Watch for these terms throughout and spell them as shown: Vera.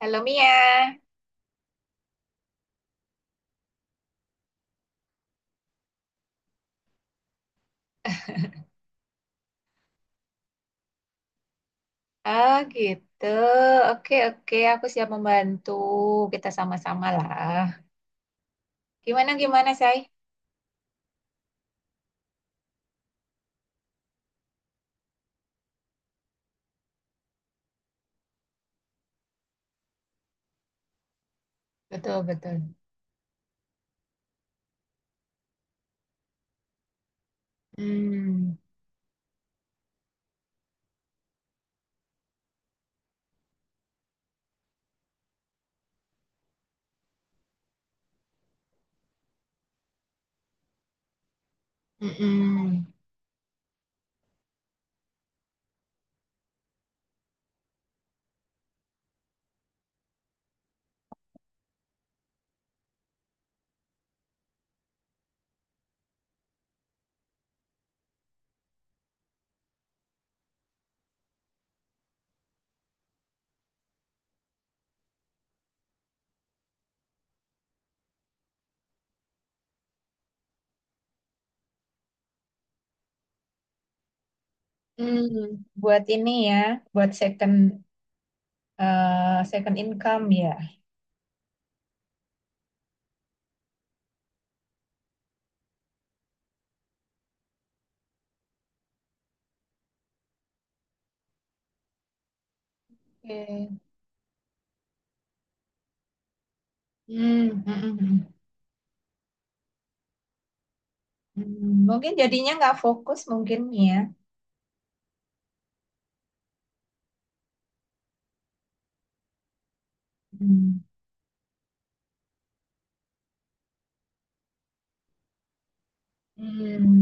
Halo Mia. Ah gitu. Oke oke, aku siap membantu. Kita sama-sama lah. Gimana gimana, Say? Betul betul. Hmm. Mm-mm. Hmm. Buat ini ya, buat second income ya. Oke. Hmm. Mm-mm. Hmm. Hmm, mungkin jadinya nggak fokus mungkin ya. Hmm. Hmm.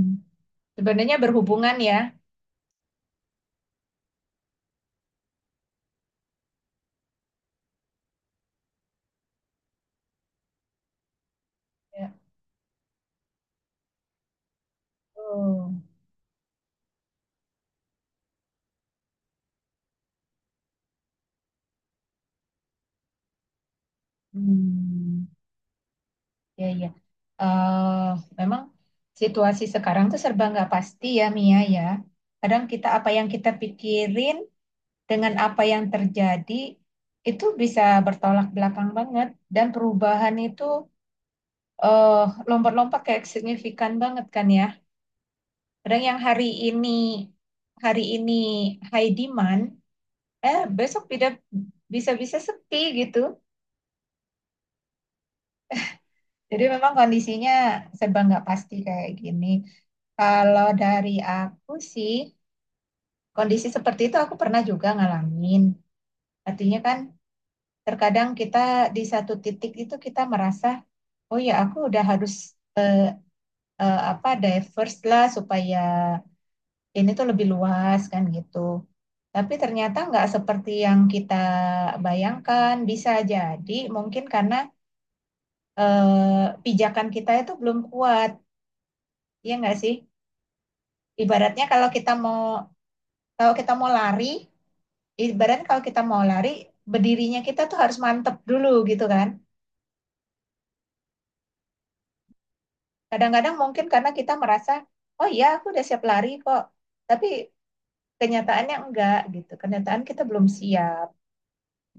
Sebenarnya berhubungan ya. Ya. Oh. Hmm. Iya, iya. Eh, Memang situasi sekarang tuh serba nggak pasti ya, Mia ya. Kadang kita apa yang kita pikirin dengan apa yang terjadi itu bisa bertolak belakang banget, dan perubahan itu eh, lompat-lompat kayak signifikan banget kan ya. Kadang yang hari ini high demand, besok tidak, bisa-bisa sepi gitu. Jadi memang kondisinya serba nggak pasti kayak gini. Kalau dari aku sih, kondisi seperti itu aku pernah juga ngalamin. Artinya kan terkadang kita di satu titik itu kita merasa, oh ya aku udah harus eh, apa diverse lah supaya ini tuh lebih luas kan gitu. Tapi ternyata nggak seperti yang kita bayangkan. Bisa jadi mungkin karena pijakan kita itu belum kuat, ya nggak sih? Ibaratnya kalau kita mau lari ibarat kalau kita mau lari, berdirinya kita tuh harus mantep dulu gitu kan. Kadang-kadang mungkin karena kita merasa, oh iya aku udah siap lari kok. Tapi kenyataannya enggak gitu. Kenyataan kita belum siap.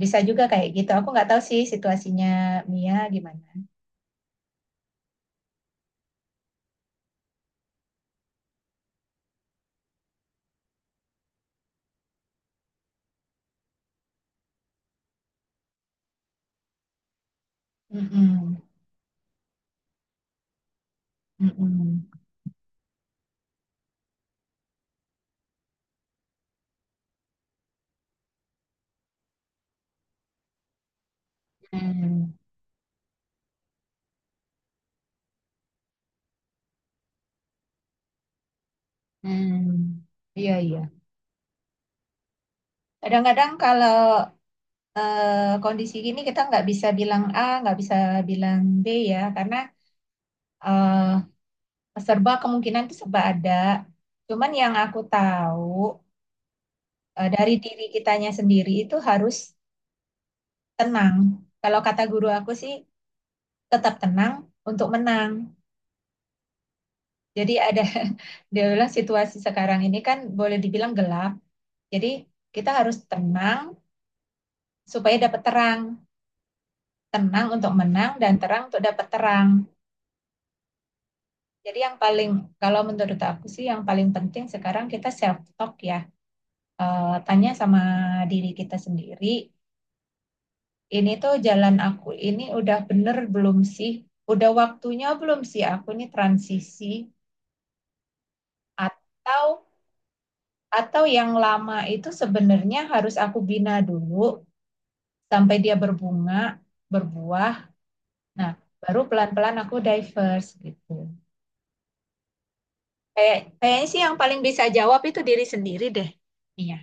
Bisa juga kayak gitu. Aku nggak tahu sih situasinya Mia gimana. Mm-mm. Mm-mm. Mm. Mm. Iya, iya. Kadang-kadang kalau kondisi gini kita nggak bisa bilang A, nggak bisa bilang B ya, karena eh, serba kemungkinan itu serba ada. Cuman yang aku tahu dari diri kitanya sendiri itu harus tenang. Kalau kata guru aku sih tetap tenang untuk menang. Jadi ada dia bilang situasi sekarang ini kan boleh dibilang gelap. Jadi kita harus tenang supaya dapat terang. Tenang untuk menang dan terang untuk dapat terang. Jadi yang paling kalau menurut aku sih yang paling penting sekarang kita self talk ya. Tanya sama diri kita sendiri, ini tuh jalan aku ini udah bener belum sih? Udah waktunya belum sih aku nih transisi, atau yang lama itu sebenarnya harus aku bina dulu sampai dia berbunga, berbuah. Nah, baru pelan-pelan aku diverse gitu. Kayaknya sih yang paling bisa jawab itu diri sendiri deh. Iya.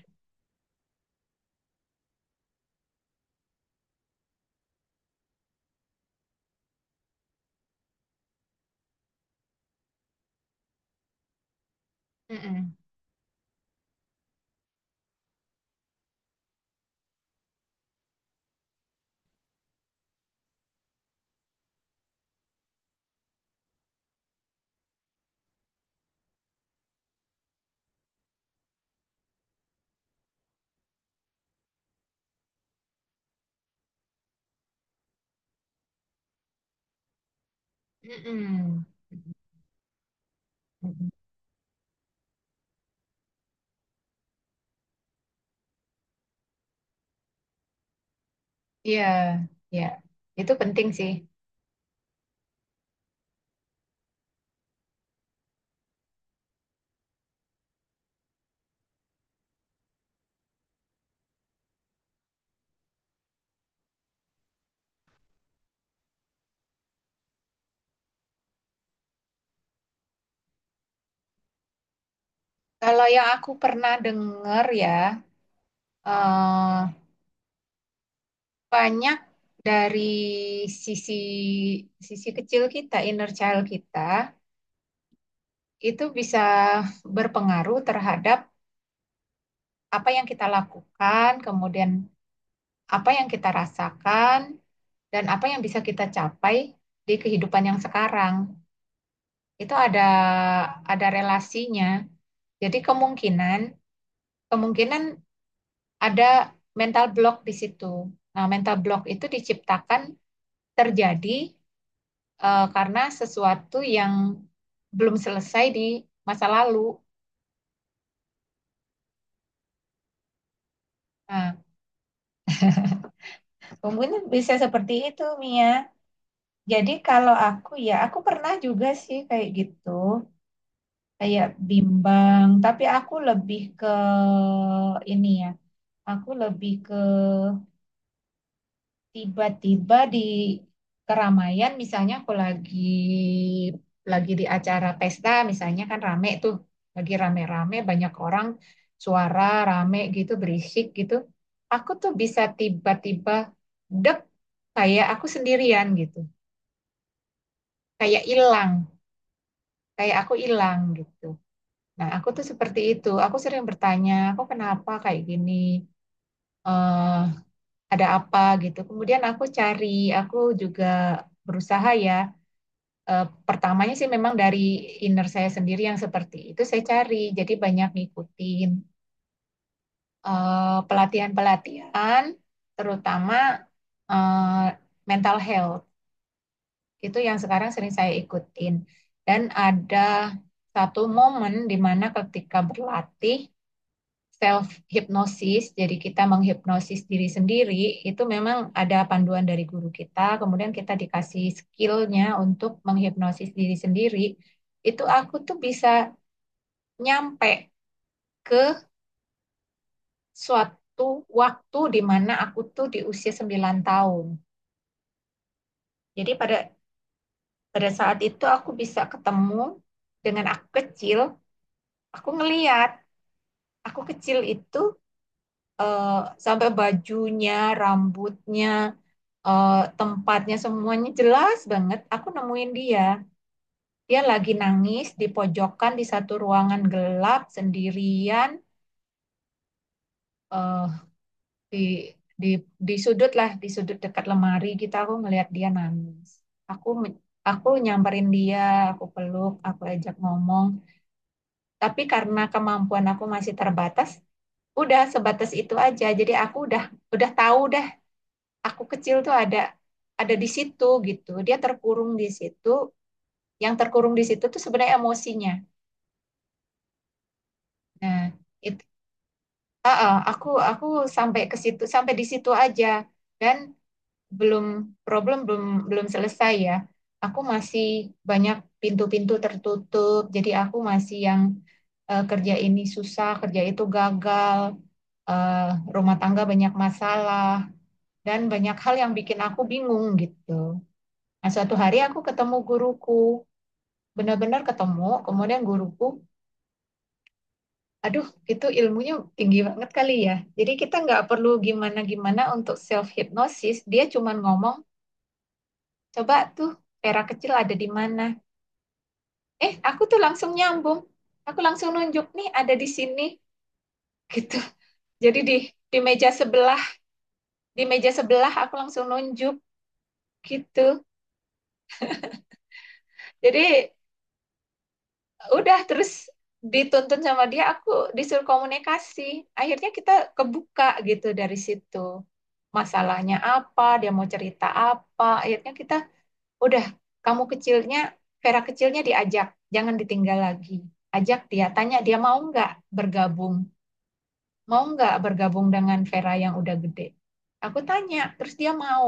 Mm-mm. Mm-mm. Mm-mm. Iya, iya. Itu penting sih. Kalau yang aku pernah dengar ya, eh, banyak dari sisi sisi kecil kita, inner child kita, itu bisa berpengaruh terhadap apa yang kita lakukan, kemudian apa yang kita rasakan, dan apa yang bisa kita capai di kehidupan yang sekarang. Itu ada relasinya. Jadi kemungkinan kemungkinan ada mental block di situ. Nah, mental block itu terjadi karena sesuatu yang belum selesai di masa lalu. Nah, mungkin bisa seperti itu, Mia. Jadi kalau aku ya, aku pernah juga sih kayak gitu, kayak bimbang. Tapi ini ya, aku lebih ke tiba-tiba di keramaian. Misalnya aku lagi di acara pesta, misalnya kan rame tuh, lagi rame-rame banyak orang, suara rame gitu, berisik gitu, aku tuh bisa tiba-tiba dek, kayak aku sendirian gitu, kayak hilang kayak aku hilang gitu. Nah, aku tuh seperti itu. Aku sering bertanya aku kenapa kayak gini, eh ada apa gitu. Kemudian aku cari, aku juga berusaha ya, pertamanya sih memang dari inner saya sendiri yang seperti itu saya cari. Jadi banyak ngikutin pelatihan-pelatihan, terutama eh, mental health. Itu yang sekarang sering saya ikutin. Dan ada satu momen di mana ketika berlatih self hipnosis, jadi kita menghipnosis diri sendiri, itu memang ada panduan dari guru kita, kemudian kita dikasih skillnya untuk menghipnosis diri sendiri, itu aku tuh bisa nyampe ke suatu waktu di mana aku tuh di usia 9 tahun. Jadi pada pada saat itu aku bisa ketemu dengan aku kecil. Aku ngeliat aku kecil itu eh, sampai bajunya, rambutnya, tempatnya semuanya jelas banget. Aku nemuin dia. Dia lagi nangis di pojokan di satu ruangan gelap sendirian, eh, di di di sudut dekat lemari gitu, aku ngelihat dia nangis. Aku me- aku nyamperin dia, aku peluk, aku ajak ngomong. Tapi karena kemampuan aku masih terbatas, udah sebatas itu aja. Jadi aku udah tahu dah aku kecil tuh ada di situ gitu. Dia terkurung di situ, yang terkurung di situ tuh sebenarnya emosinya. Nah, itu aku sampai di situ aja, dan belum problem belum belum selesai ya. Aku masih banyak pintu-pintu tertutup, jadi aku masih yang kerja ini susah, kerja itu gagal, eh, rumah tangga banyak masalah, dan banyak hal yang bikin aku bingung gitu. Nah, suatu hari aku ketemu guruku, benar-benar ketemu. Kemudian guruku Aduh, itu ilmunya tinggi banget kali ya. Jadi kita nggak perlu gimana-gimana untuk self hypnosis. Dia cuma ngomong, coba tuh pera kecil ada di mana. Aku tuh langsung nyambung. Aku langsung nunjuk nih, ada di sini, gitu. Jadi di meja sebelah, di meja sebelah aku langsung nunjuk gitu. Jadi udah, terus dituntun sama dia, aku disuruh komunikasi, akhirnya kita kebuka gitu. Dari situ masalahnya apa, dia mau cerita apa, akhirnya kita udah, kamu kecilnya Vera kecilnya diajak jangan ditinggal lagi, ajak dia, tanya dia bergabung mau nggak bergabung dengan Vera yang udah gede. Aku tanya, terus dia mau,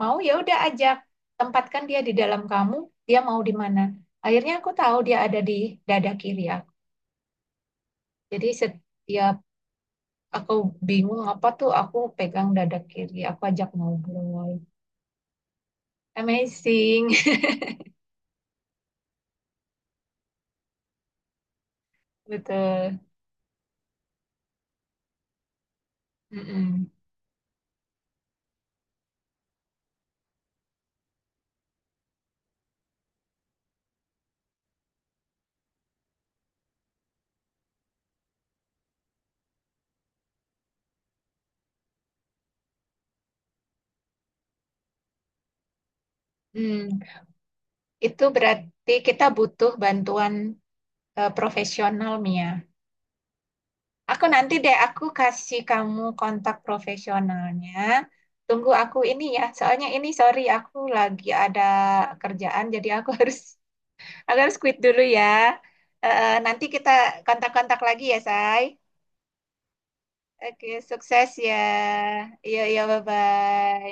ya udah ajak, tempatkan dia di dalam kamu, dia mau di mana. Akhirnya aku tahu dia ada di dada kiri aku. Jadi setiap aku bingung apa tuh, aku pegang dada kiri, aku ajak ngobrol. Amazing, betul. Mm-mm. Hmm, itu berarti kita butuh bantuan profesional, Mia. Aku nanti deh, aku kasih kamu kontak profesionalnya. Tunggu aku ini ya, soalnya ini sorry aku lagi ada kerjaan, jadi aku aku harus quit dulu ya. Nanti kita kontak-kontak lagi ya, Say. Oke, sukses ya. Iya, iya, bye-bye.